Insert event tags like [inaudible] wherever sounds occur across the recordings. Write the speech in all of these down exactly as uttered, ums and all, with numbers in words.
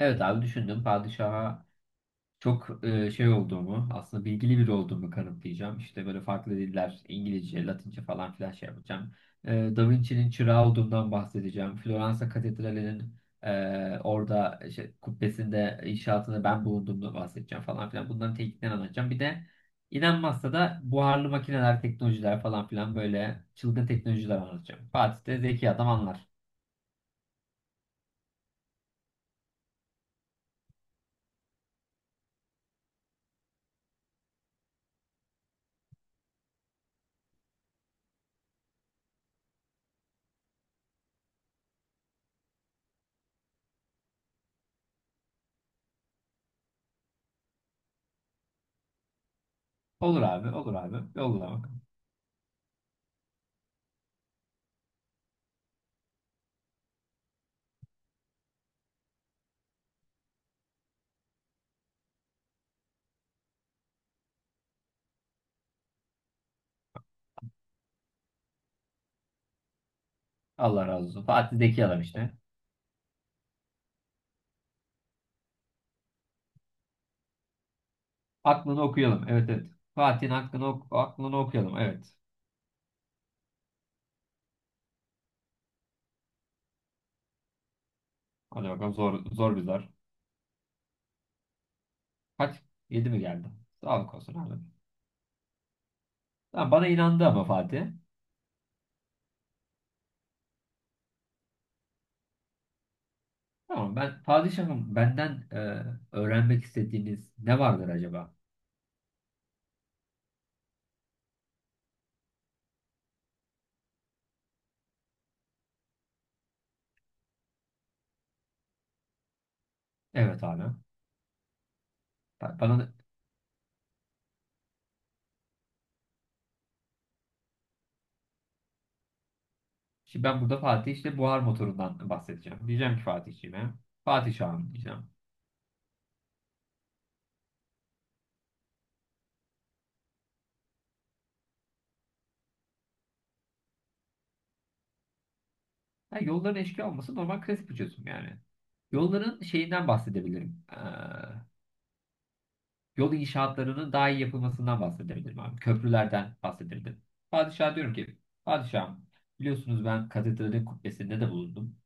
Evet abi düşündüm. Padişaha çok e, şey olduğumu, aslında bilgili biri olduğumu kanıtlayacağım. İşte böyle farklı diller, İngilizce, Latince falan filan şey yapacağım. E, Da Vinci'nin çırağı olduğundan bahsedeceğim. Floransa Katedrali'nin e, orada işte, kubbesinde, inşaatında ben bulunduğumdan bahsedeceğim falan filan. Bunların tekniklerini anlatacağım. Bir de inanmazsa da buharlı makineler, teknolojiler falan filan böyle çılgın teknolojiler anlatacağım. Fatih de zeki adam anlar. Olur abi, olur abi. Yolla bakalım. Allah razı olsun. Fatih zeki adam işte. Aklını okuyalım. Evet, evet. Fatih'in aklını, ok- aklını okuyalım. Evet. Hadi bakalım zor zor bir zar. Kaç? yedi mi geldi? Sağlık olsun abi. Tamam, bana inandı ama Fatih. Tamam, ben padişahım, benden e, öğrenmek istediğiniz ne vardır acaba? Evet abi. Ba- Bana şimdi ben burada Fatih işte buhar motorundan bahsedeceğim. Diyeceğim ki Fatih'ciğime. Padişahım diyeceğim. Ha, yolların eşkıya olması normal klasik bir çözüm yani. Yolların şeyinden bahsedebilirim. Yol inşaatlarının daha iyi yapılmasından bahsedebilirim abi. Köprülerden bahsedebilirim. Padişah, diyorum ki, padişahım, biliyorsunuz ben katedralin kubbesinde de bulundum.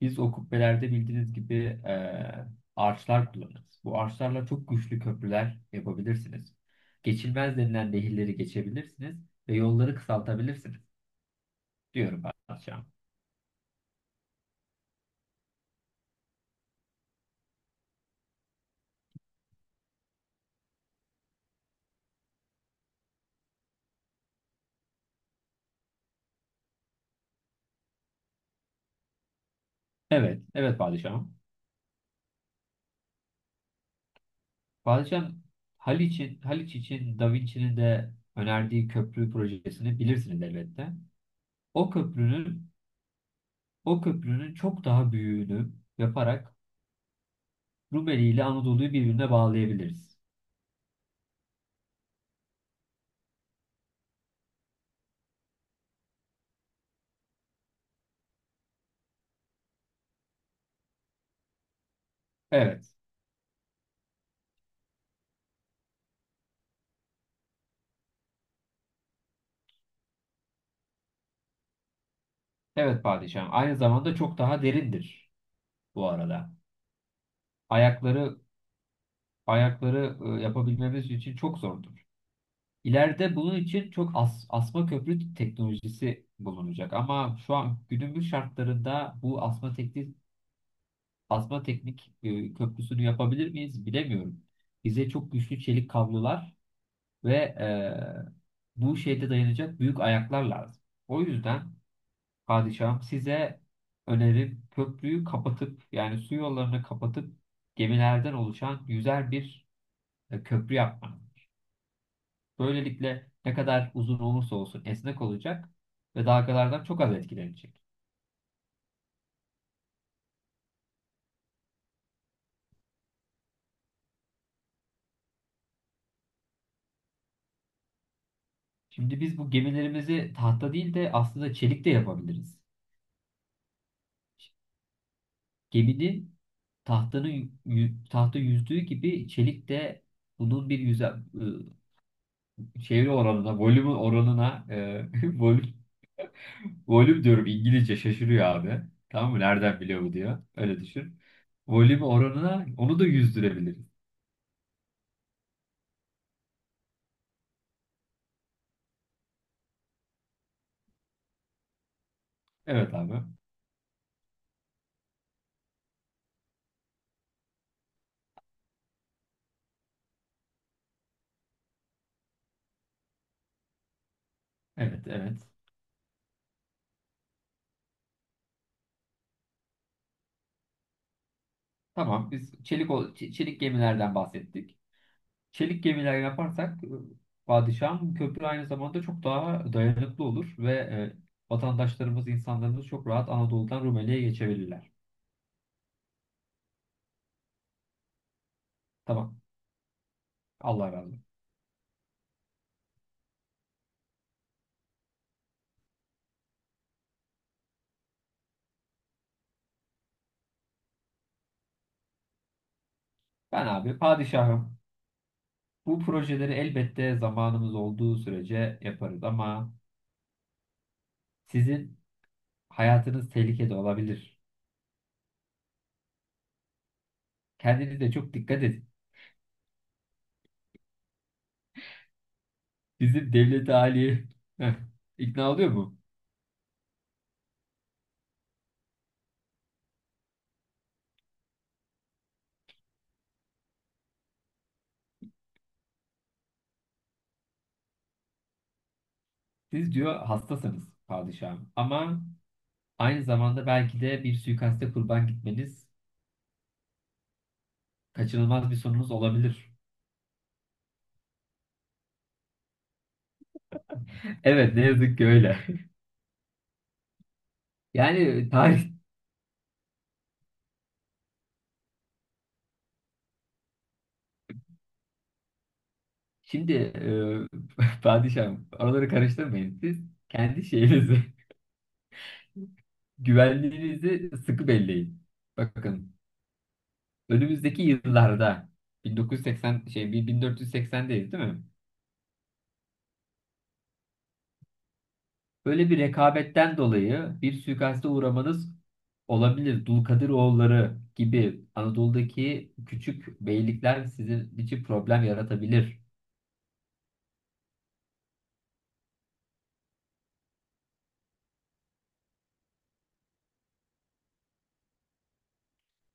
Biz o kubbelerde bildiğiniz gibi e, arçlar kullanırız. Bu arçlarla çok güçlü köprüler yapabilirsiniz. Geçilmez denilen nehirleri geçebilirsiniz ve yolları kısaltabilirsiniz, diyorum padişahım. Evet, evet padişahım. Padişahım, Haliç, Haliç için Da Vinci'nin de önerdiği köprü projesini bilirsiniz elbette. O köprünün o köprünün çok daha büyüğünü yaparak Rumeli ile Anadolu'yu birbirine bağlayabiliriz. Evet. Evet padişahım. Aynı zamanda çok daha derindir bu arada. Ayakları ayakları e, yapabilmemiz için çok zordur. İleride bunun için çok as, asma köprü teknolojisi bulunacak ama şu an günümüz şartlarında bu asma teknik asma teknik e, köprüsünü yapabilir miyiz bilemiyorum. Bize çok güçlü çelik kablolar ve e, bu şeyde dayanacak büyük ayaklar lazım. O yüzden padişahım size önerim köprüyü kapatıp yani su yollarını kapatıp gemilerden oluşan yüzer bir e, köprü yapmanız. Böylelikle ne kadar uzun olursa olsun esnek olacak ve dalgalardan çok az etkilenecek. Şimdi biz bu gemilerimizi tahta değil de aslında çelik de yapabiliriz. Geminin tahtanın yü- tahta yüzdüğü gibi çelik de bunun bir yüze, ıı, çeviri oranına, volüm oranına, e, [laughs] volüm, volüm diyorum, İngilizce şaşırıyor abi. Tamam mı? Nereden biliyor bu, diyor. Öyle düşün. Volüm oranına onu da yüzdürebiliriz. Evet abi. Evet, evet. Tamam, biz çelik, o- çe- çelik gemilerden bahsettik. Çelik gemiler yaparsak e, padişahın köprü aynı zamanda çok daha dayanıklı olur ve e, vatandaşlarımız, insanlarımız çok rahat Anadolu'dan Rumeli'ye geçebilirler. Tamam. Allah razı olsun. Ben abi padişahım. Bu projeleri elbette zamanımız olduğu sürece yaparız ama sizin hayatınız tehlikede olabilir. Kendinize çok dikkat edin. Bizim devlet hali Heh, ikna oluyor mu? Siz, diyor, hastasınız padişahım ama aynı zamanda belki de bir suikaste kurban gitmeniz kaçınılmaz bir sonunuz olabilir. Evet, ne yazık ki öyle. [laughs] Yani tarih şimdi e, [laughs] padişahım, araları karıştırmayın. Siz kendi şeyinizi [laughs] güvenliğinizi sıkı belleyin. Bakın önümüzdeki yıllarda bin dokuz yüz seksen şey bin dört yüz seksendeyiz değil mi? Böyle bir rekabetten dolayı bir suikaste uğramanız olabilir. Dulkadiroğulları gibi Anadolu'daki küçük beylikler sizin için problem yaratabilir.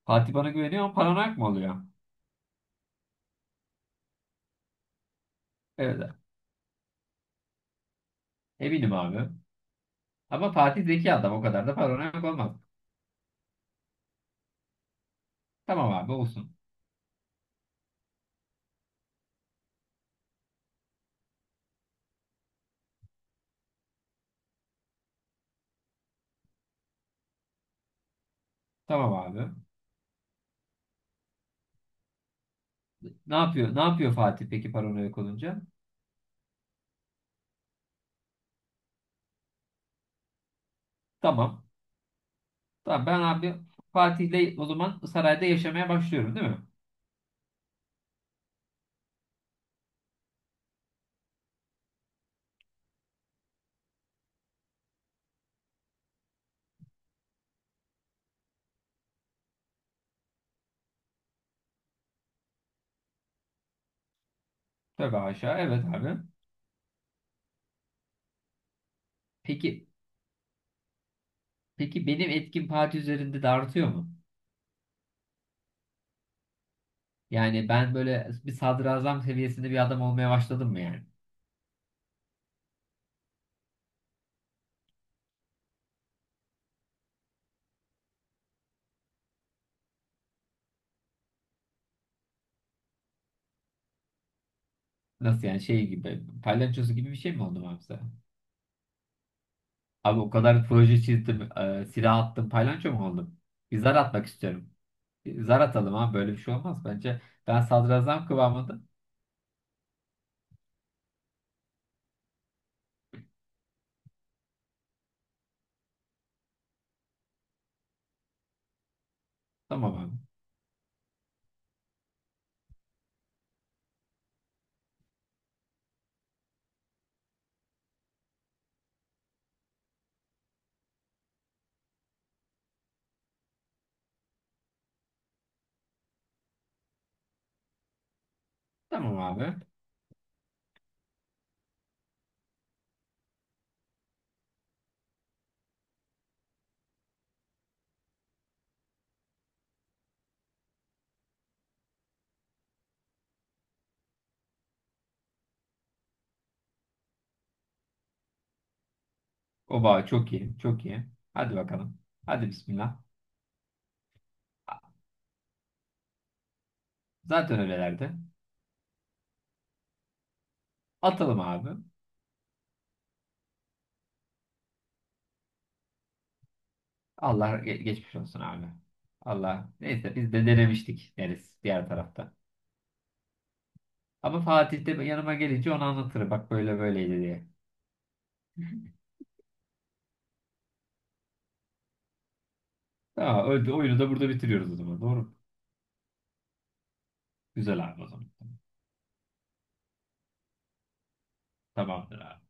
Fatih bana güveniyor ama paranoyak mı oluyor? Evet. Eminim abi. Ama Fatih zeki adam, o kadar da paranoyak olmaz. Tamam abi, olsun. Tamam abi. Ne yapıyor? Ne yapıyor Fatih peki paranoyak olunca? Tamam. Tamam, ben abi Fatih'le o zaman sarayda yaşamaya başlıyorum değil mi? Tövbe haşa. Evet abi. Peki peki benim etkim Fatih üzerinde de artıyor mu? Yani ben böyle bir sadrazam seviyesinde bir adam olmaya başladım mı yani? Nasıl yani, şey gibi palyaçosu gibi bir şey mi oldum abi sen? Abi o kadar proje çizdim, e, silah attım, palyaço mu oldum? Bir zar atmak istiyorum. Bir zar atalım abi, böyle bir şey olmaz bence. Ben sadrazam kıvamında. Tamam abi. Tamam abi. Oba çok iyi, çok iyi. Hadi bakalım. Hadi bismillah. Zaten öylelerdi. Atalım abi. Allah ge- geçmiş olsun abi. Allah. Neyse, biz de denemiştik deriz diğer tarafta. Ama Fatih de yanıma gelince onu anlatır. Bak, böyle böyleydi diye. Tamam, öyle- oyunu da burada bitiriyoruz o zaman. Doğru mu? Güzel abi o zaman. Tamamdır abi.